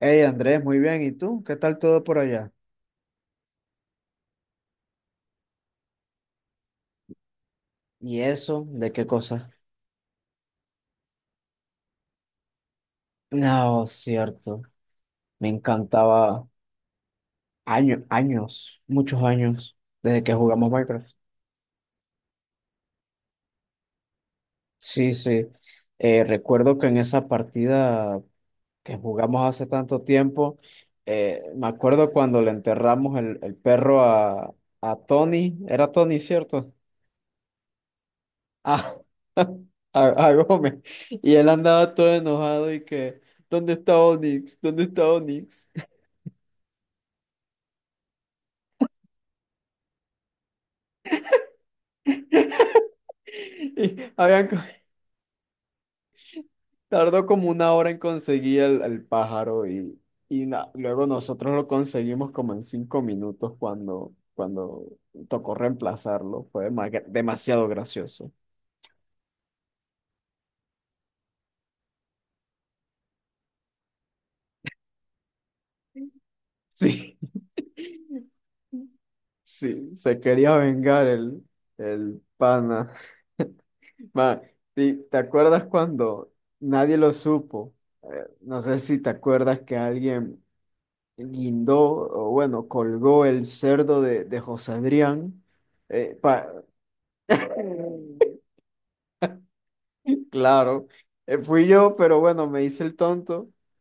Hey Andrés, muy bien. ¿Y tú? ¿Qué tal todo por allá? ¿Y eso? ¿De qué cosa? No, cierto. Me encantaba años, años, muchos años, desde que jugamos Minecraft. Sí, sí. Recuerdo que en esa partida que jugamos hace tanto tiempo, me acuerdo cuando le enterramos el perro a Tony. Era Tony, ¿cierto? Ah, a Gómez. Y él andaba todo enojado y que, ¿dónde está Onix? ¿Dónde está Onix? Y habían co- tardó como 1 hora en conseguir el pájaro y, luego nosotros lo conseguimos como en 5 minutos cuando, cuando tocó reemplazarlo. Fue demasiado gracioso. Sí, sí, se quería vengar el pana. Ma, ¿Te acuerdas cuando nadie lo supo? No sé si te acuerdas que alguien guindó, o bueno, colgó el cerdo de José Adrián. eh, pa- claro, fui yo, pero bueno, me hice el tonto.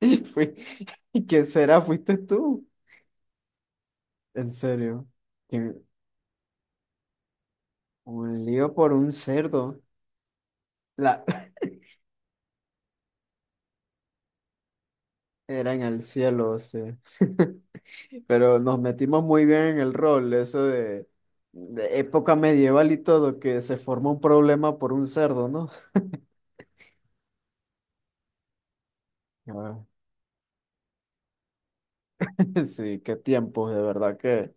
Y fui, ¿Quién será? ¿Fuiste tú? En serio. Que Un lío por un cerdo. La... Era en el cielo, sí, pero nos metimos muy bien en el rol, eso de época medieval y todo, que se forma un problema por un cerdo, ¿no? Ah. Sí, qué tiempos, de verdad que.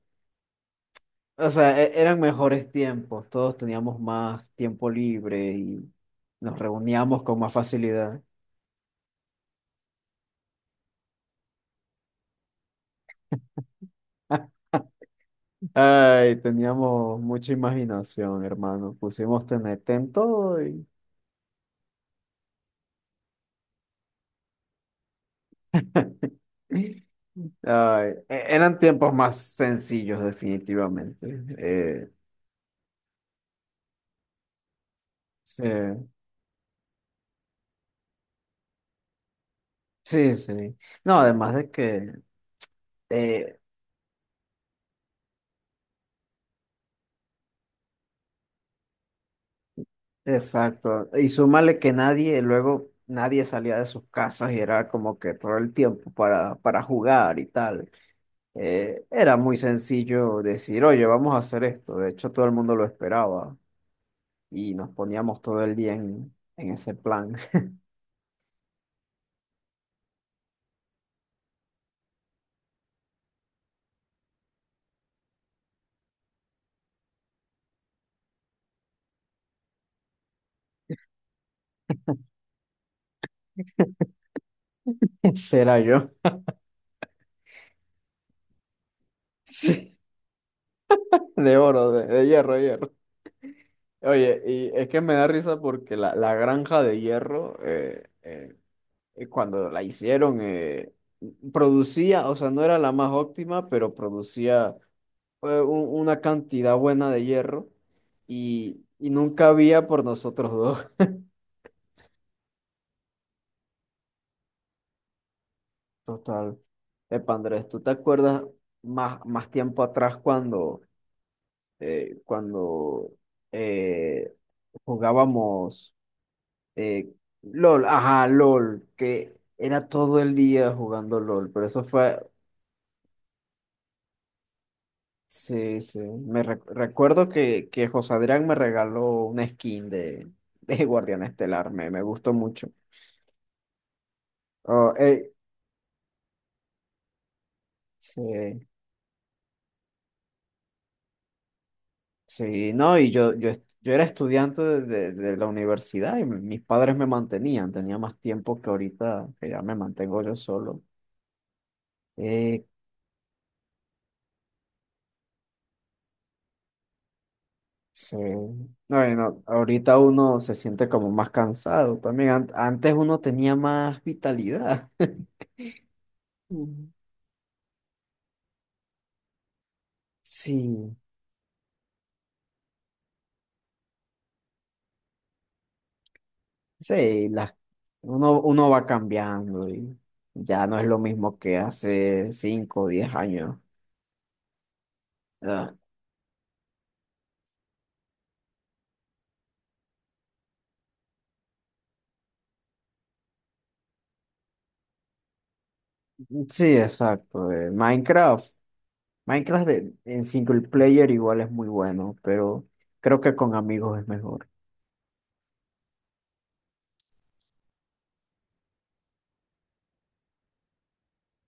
O sea, eran mejores tiempos, todos teníamos más tiempo libre y nos reuníamos con más facilidad. Ay, teníamos mucha imaginación, hermano. Pusimos TNT en todo y... Ay, eran tiempos más sencillos, definitivamente. Sí, sí, sí. No, además de que eh, exacto. Y súmale que nadie, luego nadie salía de sus casas y era como que todo el tiempo para jugar y tal. Era muy sencillo decir, oye, vamos a hacer esto. De hecho, todo el mundo lo esperaba y nos poníamos todo el día en ese plan. Ese era yo. Sí, de oro, de hierro, hierro. Oye, y es que me da risa porque la granja de hierro, cuando la hicieron, producía, o sea, no era la más óptima, pero producía una cantidad buena de hierro y nunca había por nosotros dos. Total. Epa, Andrés, ¿tú te acuerdas más, más tiempo atrás cuando, cuando eh, jugábamos eh, LOL? Ajá, LOL, que era todo el día jugando LOL, pero eso fue sí, sí. Recuerdo que José Adrián me regaló una skin de, de Guardián Estelar. Me gustó mucho. Oh, eh, sí, sí, no, yo era estudiante de, de la universidad y mis padres me mantenían. Tenía más tiempo que ahorita, que ya me mantengo yo solo. Eh, sí. No, no, ahorita uno se siente como más cansado también. Antes uno tenía más vitalidad. Mm. Sí. Sí, las, uno, uno va cambiando y ya no es lo mismo que hace 5 o 10 años. Ah, sí, exacto. Minecraft. Minecraft en single player igual es muy bueno, pero creo que con amigos es mejor.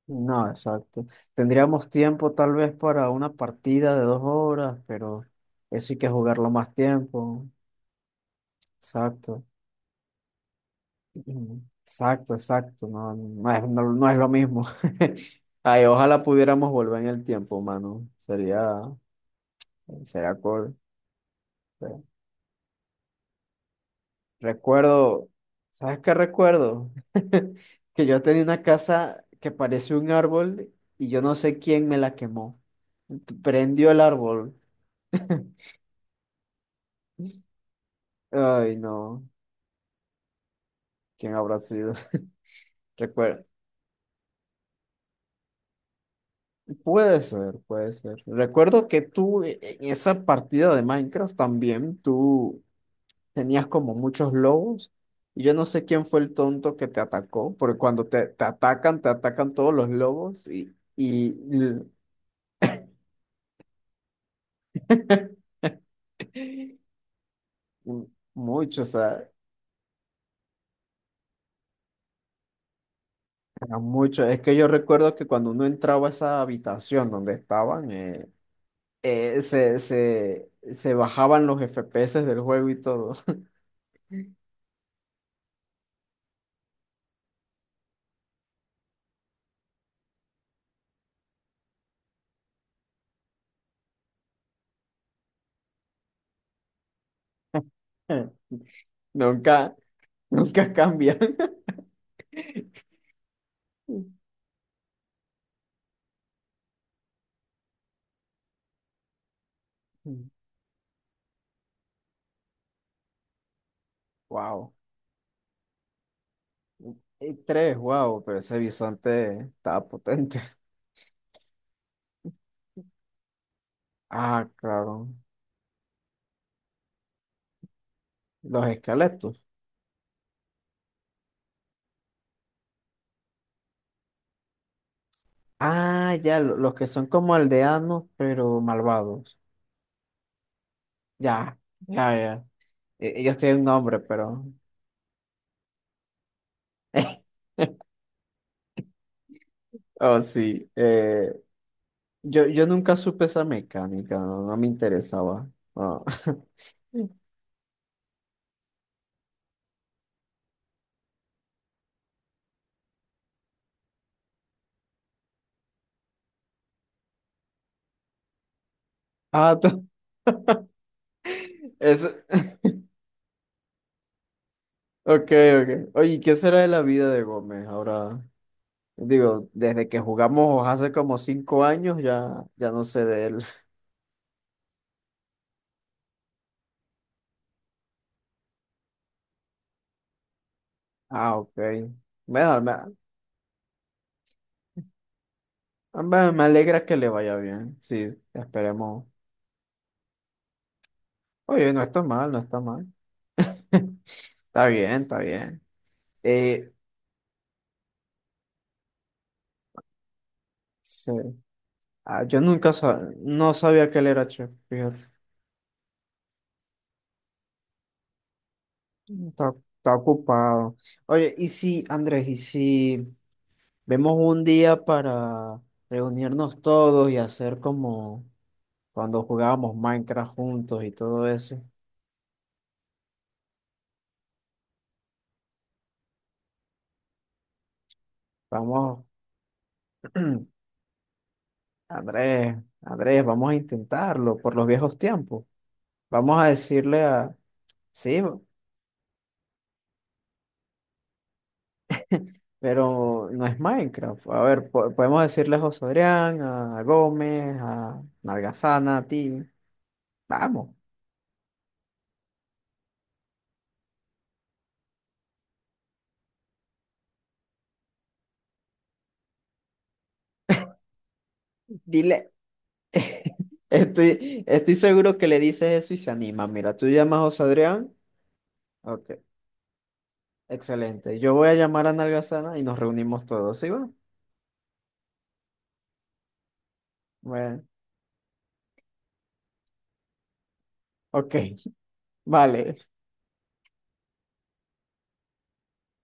No, exacto. Tendríamos tiempo tal vez para una partida de 2 horas, pero eso hay que jugarlo más tiempo. Exacto. Mm, exacto, exacto, no, no es lo mismo. Ay, ojalá pudiéramos volver en el tiempo, mano. Sería, sería cool. Pero Recuerdo, ¿Sabes qué recuerdo? Que yo tenía una casa que parece un árbol y yo no sé quién me la quemó. Prendió el árbol. Ay, no, ¿quién habrá sido? Recuerdo, puede ser, puede ser. Recuerdo que tú en esa partida de Minecraft también, tú tenías como muchos lobos y yo no sé quién fue el tonto que te atacó, porque cuando te, te atacan todos los lobos y, mu- mucho, o sea, era mucho. Es que yo recuerdo que cuando uno entraba a esa habitación donde estaban, se bajaban los FPS del juego y todo. Nunca, nunca cambian. Wow. Y tres, wow, pero ese bisonte estaba potente. Ah, claro. Los esqueletos. Ah, ya, los que son como aldeanos, pero malvados. Ya, ya, ya. Ellos tienen un nombre, pero. Oh, sí. Yo nunca supe esa mecánica, no, no me interesaba. Ah, Ah, t- eso. Ok, ok. Oye, ¿qué será de la vida de Gómez ahora? Digo, desde que jugamos hace como 5 años ya, ya no sé de él. Ah, ok. Bueno, me, me alegra que le vaya bien. Sí, esperemos. Oye, no está mal, no está mal. Está bien, está bien. Eh, sí. Ah, yo nunca no sabía que él era chef, fíjate. Está, está ocupado. Oye, y si, Andrés, y si vemos un día para reunirnos todos y hacer como cuando jugábamos Minecraft juntos y todo eso. Vamos, Andrés, Andrés, vamos a intentarlo por los viejos tiempos. Vamos a decirle a, sí, pero no es Minecraft. A ver, podemos decirle a José Adrián, a Gómez, a Nalgazana, a ti. Vamos, dile. Estoy, estoy seguro que le dices eso y se anima. Mira, tú llamas a José Adrián. Ok, excelente. Yo voy a llamar a Nalgazana y nos reunimos todos, ¿sí va? Bueno, ok, vale.